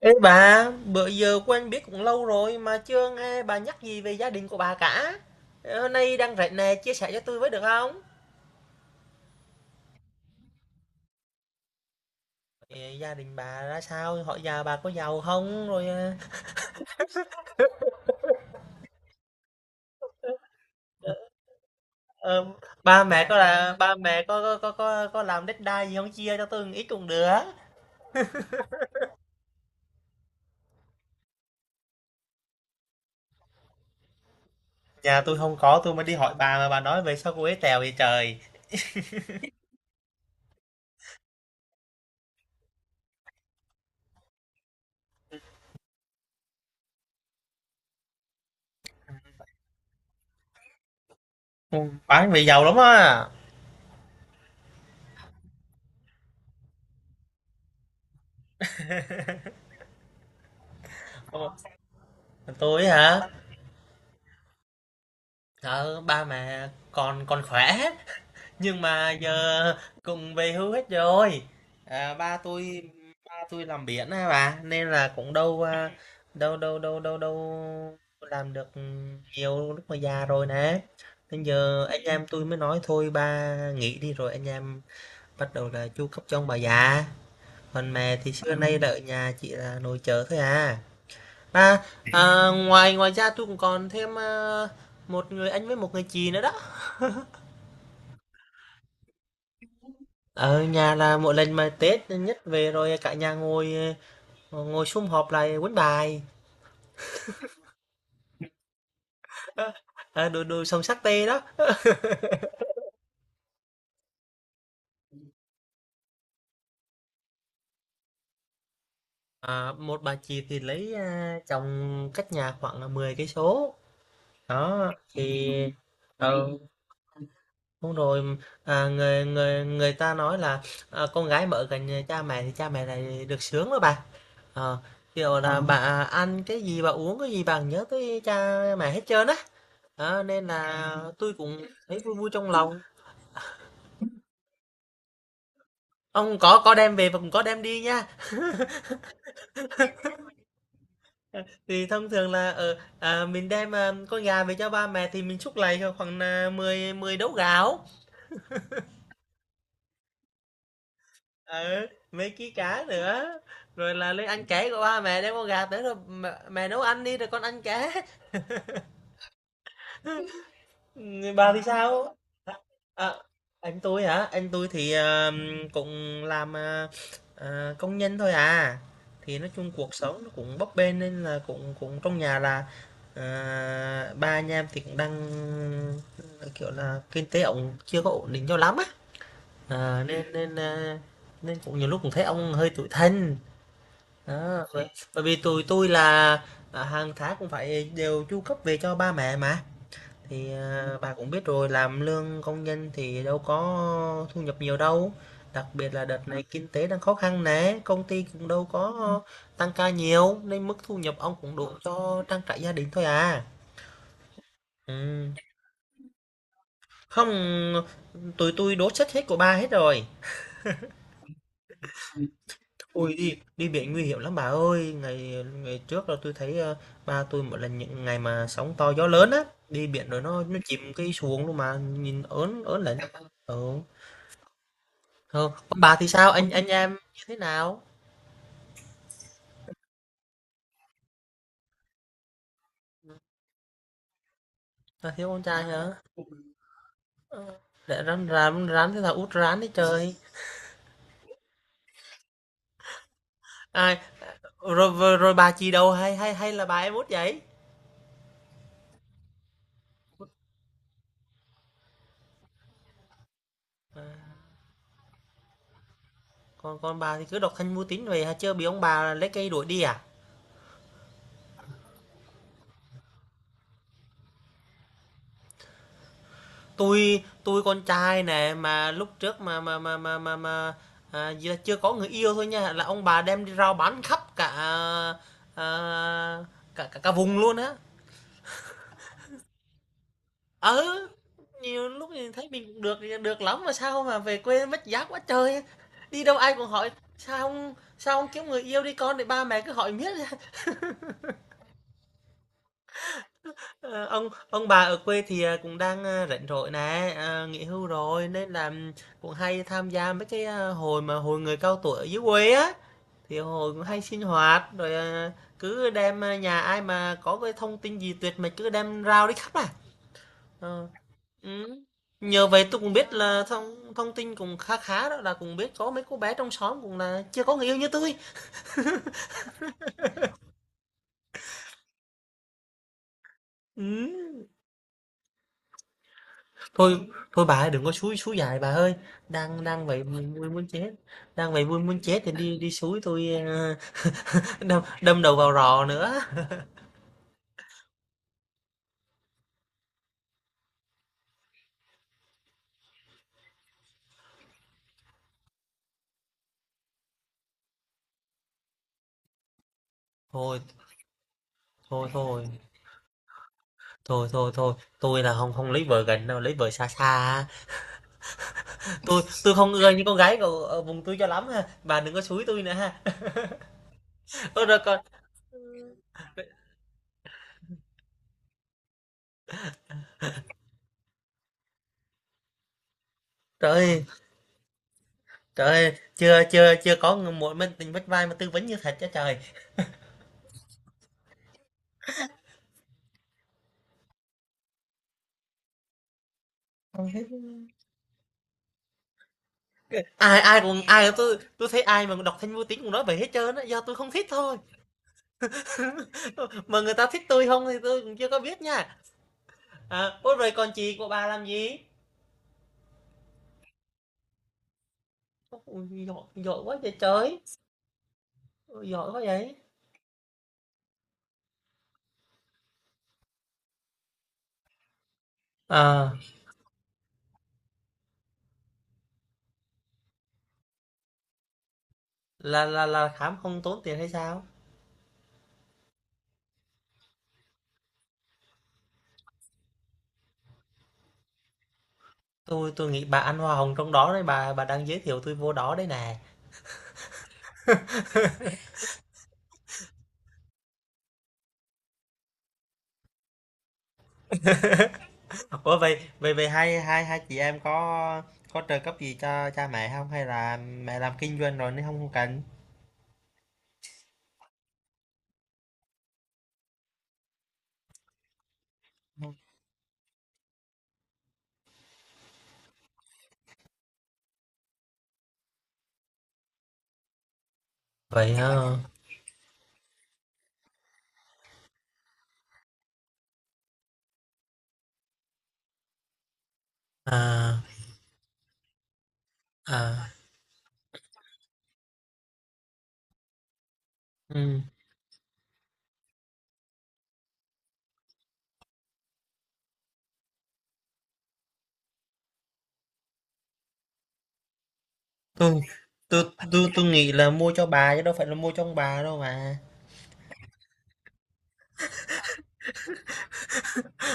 Ê bà, bữa giờ quen biết cũng lâu rồi mà chưa nghe bà nhắc gì về gia đình của bà cả. Hôm nay đang rảnh nè, chia sẻ cho tôi với được không? Ờ, Gia đình bà ra sao? Họ già bà có giàu không? Rồi ờ, ba mẹ có là ba mẹ có làm đất đai gì không chia cho tôi một ít cũng được. Nhà tôi không có, tôi mới đi hỏi bà mà bà nói về sao cô ấy tèo vậy trời. Ừ, bán về giàu lắm á. Ờ, tôi hả? Ờ, ba mẹ còn còn khỏe, nhưng mà giờ cùng về hưu hết rồi. À, ba tôi làm biển á bà, nên là cũng đâu đâu đâu đâu đâu làm được nhiều lúc mà già rồi nè. Nên giờ anh em tôi mới nói thôi ba nghỉ đi rồi anh em bắt đầu là chu cấp cho ông bà già. Còn mẹ thì xưa nay là ở nhà chỉ là nội trợ thôi à. Ba, ngoài ngoài ra tôi cũng còn thêm một người anh với một người chị nữa đó. Ở nhà là mỗi lần mà Tết nhất về rồi cả nhà ngồi, ngồi sum họp lại quấn bài. À, đồ đồ sông sắc tê đó. Một bà chị thì lấy, chồng cách nhà khoảng là 10 cây số đó thì, ờ, đúng rồi. Người người người ta nói là, con gái mà ở gần nhà cha mẹ thì cha mẹ lại được sướng đó bà. Ờ, kiểu là bà ăn cái gì bà uống cái gì bà nhớ tới cha mẹ hết trơn á. Đó, nên là tôi cũng thấy vui vui trong lòng. Ông có đem về và cũng có đem đi nha. Thì thông thường là, mình đem, con gà về cho ba mẹ thì mình xúc lại khoảng nà 10 10 đấu gạo, ừ, mấy ký cá nữa, rồi là lên ăn ké của ba mẹ đem con gà tới rồi mẹ mẹ nấu ăn đi rồi con ăn ké. Ừ, bà thì sao? À, à, anh tôi hả? Anh tôi thì cũng làm công nhân thôi à. Thì nói chung cuộc sống nó cũng bấp bênh nên là cũng cũng trong nhà là, ba anh em thì cũng đang, ờ, kiểu là kinh tế ông chưa có ổn định cho lắm á. À, nên nên, nên cũng nhiều lúc cũng thấy ông hơi tủi thân. Đó, bởi bởi vì tụi tôi là, hàng tháng cũng phải đều chu cấp về cho ba mẹ mà. Thì, bà cũng biết rồi, làm lương công nhân thì đâu có thu nhập nhiều đâu. Đặc biệt là đợt này kinh tế đang khó khăn nè, công ty cũng đâu có tăng ca nhiều, nên mức thu nhập ông cũng đủ cho trang trải gia đình thôi à. Ừ. Không, tụi tôi đốt sách hết của bà hết rồi. Ui đi, đi biển nguy hiểm lắm bà ơi. Ngày Ngày trước là tôi thấy, ba tôi một lần những ngày mà sóng to gió lớn á, đi biển rồi nó chìm cái xuồng luôn mà nhìn ớn ớn lạnh. Ừ. Không, còn bà thì sao? Anh em như thế nào? Là thiếu con trai hả? Để rắn rắn rắn thế là út rắn đấy trời. Ai rồi rồi, rồi bà chị đâu hay hay hay là bà em út vậy? À, còn còn bà thì cứ độc thân mưu tính về hả? Chưa bị ông bà lấy cây đuổi đi à? Tôi con trai nè mà lúc trước mà gì là chưa có người yêu thôi nha là ông bà đem đi rao bán khắp cả, à, cả vùng luôn á. Ừ, nhiều lúc thì thấy mình cũng được thì được lắm mà sao mà về quê mất vả quá trời. Đi đâu ai cũng hỏi sao ông kiếm người yêu đi con để ba mẹ cứ hỏi miết. Ờ, ông bà ở quê thì, cũng đang, rảnh rỗi nè, nghỉ hưu rồi nên là cũng hay tham gia mấy cái, hội người cao tuổi ở dưới quê á. Thì hội cũng hay sinh hoạt rồi, cứ đem, nhà ai mà có cái thông tin gì tuyệt mật cứ đem rao đi khắp à. Ờ, ừ. Nhờ vậy tôi cũng biết là thông thông tin cũng khá khá đó là cũng biết có mấy cô bé trong xóm cũng là chưa có người yêu như tôi. Ừ. Thôi Thôi bà ơi, đừng có xúi xúi dại bà ơi. Đang Đang vậy vui vui muốn chết. Đang vậy vui muốn chết thì đi đi xúi tôi, đâm đâm đầu vào rò nữa. Thôi thôi thôi. Thôi thôi thôi, tôi là không không lấy vợ gần đâu, lấy vợ xa xa á. Tôi không ưa những con gái ở ở vùng tôi cho lắm ha. Bà đừng có xúi tôi nữa ha. Ôi rồi còn trời ơi. Trời ơi, chưa chưa chưa có người một mình tình vách vai mà tư vấn như thật cho trời. Ai ai cũng Ai cũng, tôi thấy ai mà đọc thanh vô tính cũng nói vậy hết trơn á, do tôi không thích thôi. Mà người ta thích tôi không thì tôi cũng chưa có biết nha. À, ôi rồi còn chị của bà làm gì? Ôi, giỏi, giỏi quá vậy trời. Ôi, giỏi quá vậy. À, là khám không tốn tiền hay sao? Tôi nghĩ bà ăn hoa hồng trong đó đấy, bà đang giới thiệu tôi vô đó đấy nè. Ủa vậy vậy vậy hai hai hai chị em có trợ cấp gì cho cha mẹ không hay là mẹ làm kinh doanh rồi nên không không cần? Vậy hả. À. À. Ừ. tôi tôi tôi nghĩ là mua cho bà chứ đâu phải là mua cho ông bà đâu mà.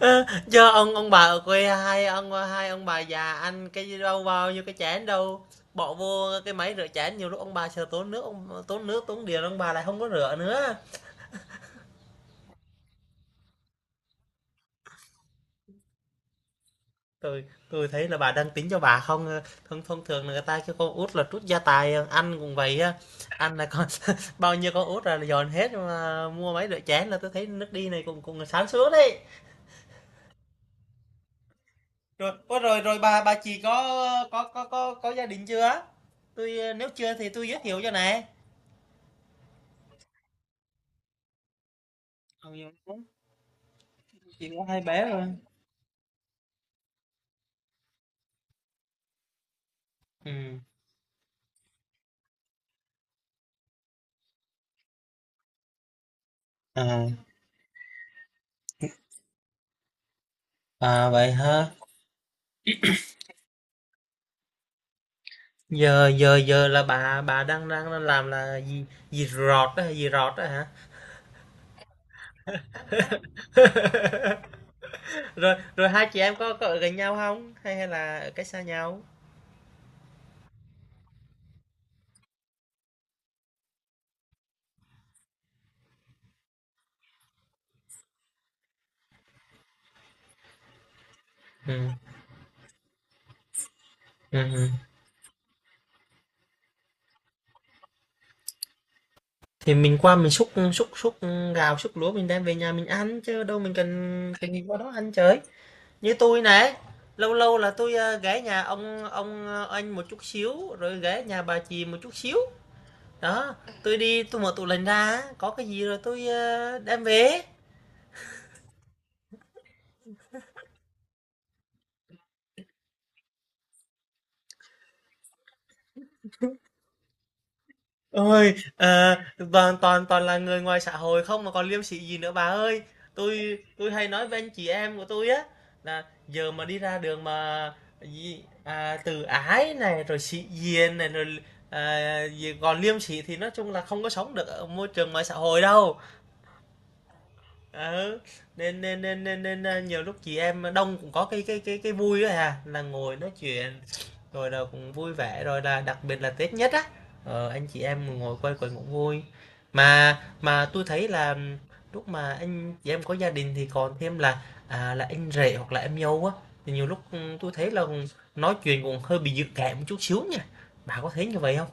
Ơ, do ông bà ở quê, hai ông bà già ăn cái gì đâu bao nhiêu cái chén đâu, bỏ vô cái máy rửa chén nhiều lúc ông bà sợ tốn nước, ông tốn nước tốn điện ông bà lại không có rửa nữa. Tôi thấy là bà đang tính cho bà không. Thông Thông thường là người ta kêu con út là trút gia tài, anh ăn cũng vậy á, anh là con bao nhiêu con út là dồn hết mà mua mấy đĩa chén là tôi thấy nước đi này cũng cũng sáng suốt đấy. Rồi, ôi rồi rồi bà chị có gia đình chưa á? Tôi ờ, nếu chưa thì tôi giới thiệu cho nè. Ừ, dạ đúng. Chị có hai bé rồi. Ừ. À, à vậy ha. Giờ giờ Giờ là bà đang đang làm là gì gì rọt đó hả? Rồi rồi hai chị em có ở gần nhau không? Hay hay là ở cách xa nhau? Ừm, ừm. Thì mình qua mình xúc xúc xúc gạo, xúc lúa mình đem về nhà mình ăn chứ đâu mình cần cần gì qua đó ăn trời. Như tôi này lâu lâu là tôi, ghé nhà ông anh một chút xíu, rồi ghé nhà bà chị một chút xíu. Đó, tôi đi tôi mở tủ lạnh ra có cái gì rồi tôi, đem về. Ôi, ờ, toàn toàn toàn là người ngoài xã hội không mà còn liêm sỉ gì nữa bà ơi. Tôi hay nói với anh chị em của tôi á, là giờ mà đi ra đường mà gì, từ ái này rồi sĩ diện này rồi, gì còn liêm sỉ thì nói chung là không có sống được ở môi trường ngoài xã hội đâu. Ừ, nên nên nên nên nên, nhiều lúc chị em đông cũng có cái vui á hà, là ngồi nói chuyện rồi là cũng vui vẻ, rồi là đặc biệt là Tết nhất á, ờ, anh chị em ngồi quây quần cũng vui. Mà tôi thấy là lúc mà anh chị em có gia đình thì còn thêm là, là anh rể hoặc là em dâu á, thì nhiều lúc ừ, tôi thấy là nói chuyện cũng hơi bị dự cảm một chút xíu nha. Bà có thấy như vậy không?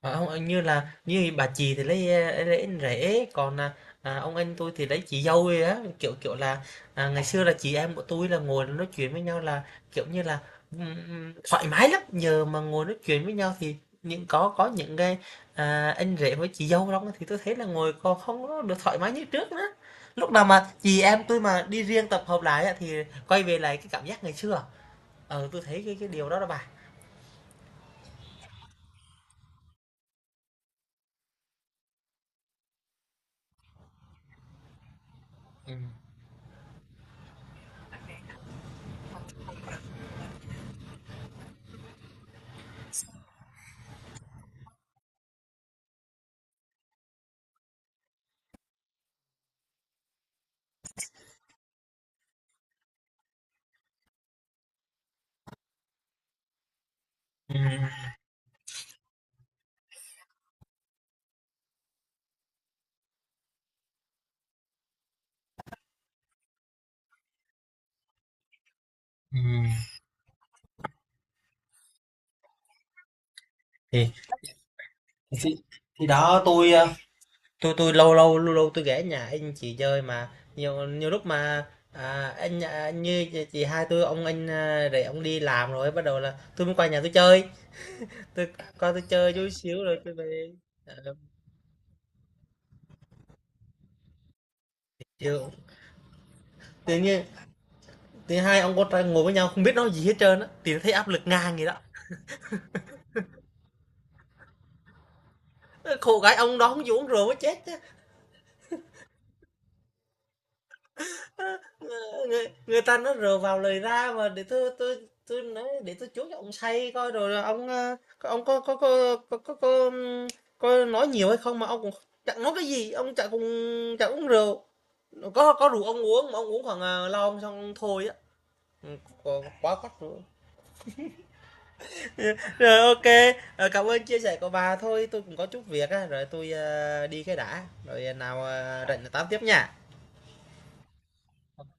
Ờ, ông anh như là như bà chị thì lấy, lấy anh rể còn, ông anh tôi thì lấy chị dâu ấy á, kiểu kiểu là, ngày xưa là chị em của tôi là ngồi nói chuyện với nhau là kiểu như là, ừm, thoải mái lắm nhờ mà ngồi nói chuyện với nhau, thì những có những cái, anh rể với chị dâu đó thì tôi thấy là ngồi còn không có được thoải mái như trước nữa. Lúc nào mà chị em tôi mà đi riêng tập hợp lại á, thì quay về lại cái cảm giác ngày xưa, ờ tôi thấy cái điều đó đó bà. Ừ. Ừ. Ừ. thì thì, thì đó tôi, tôi lâu lâu lâu lâu tôi ghé nhà anh chị chơi mà nhiều nhiều lúc mà, chị hai tôi ông anh, để ông đi làm rồi bắt đầu là tôi mới qua nhà tôi chơi, tôi qua tôi chơi chút xíu rồi tôi về. Ờ, chiều tự nhiên thứ hai ông con trai ngồi với nhau không biết nói gì hết trơn á thì thấy áp lực ngang vậy đó. Khổ gái ông đó không chịu uống rượu mới chết. Người người ta nói rờ vào lời ra mà, để tôi nói để tôi chuốc cho ông say coi rồi là ông, ông có nói nhiều hay không mà ông cũng chẳng nói cái gì, ông chả uống rượu. Có rượu ông uống mà ông uống khoảng, lon xong thôi á, ừm, còn quá khắt rượu. Rồi, ok, ờ, cảm ơn chia sẻ của bà. Thôi tôi cũng có chút việc á, rồi tôi, đi cái đã, rồi ờ, nào, à, rảnh là tám tiếp nha. Ok.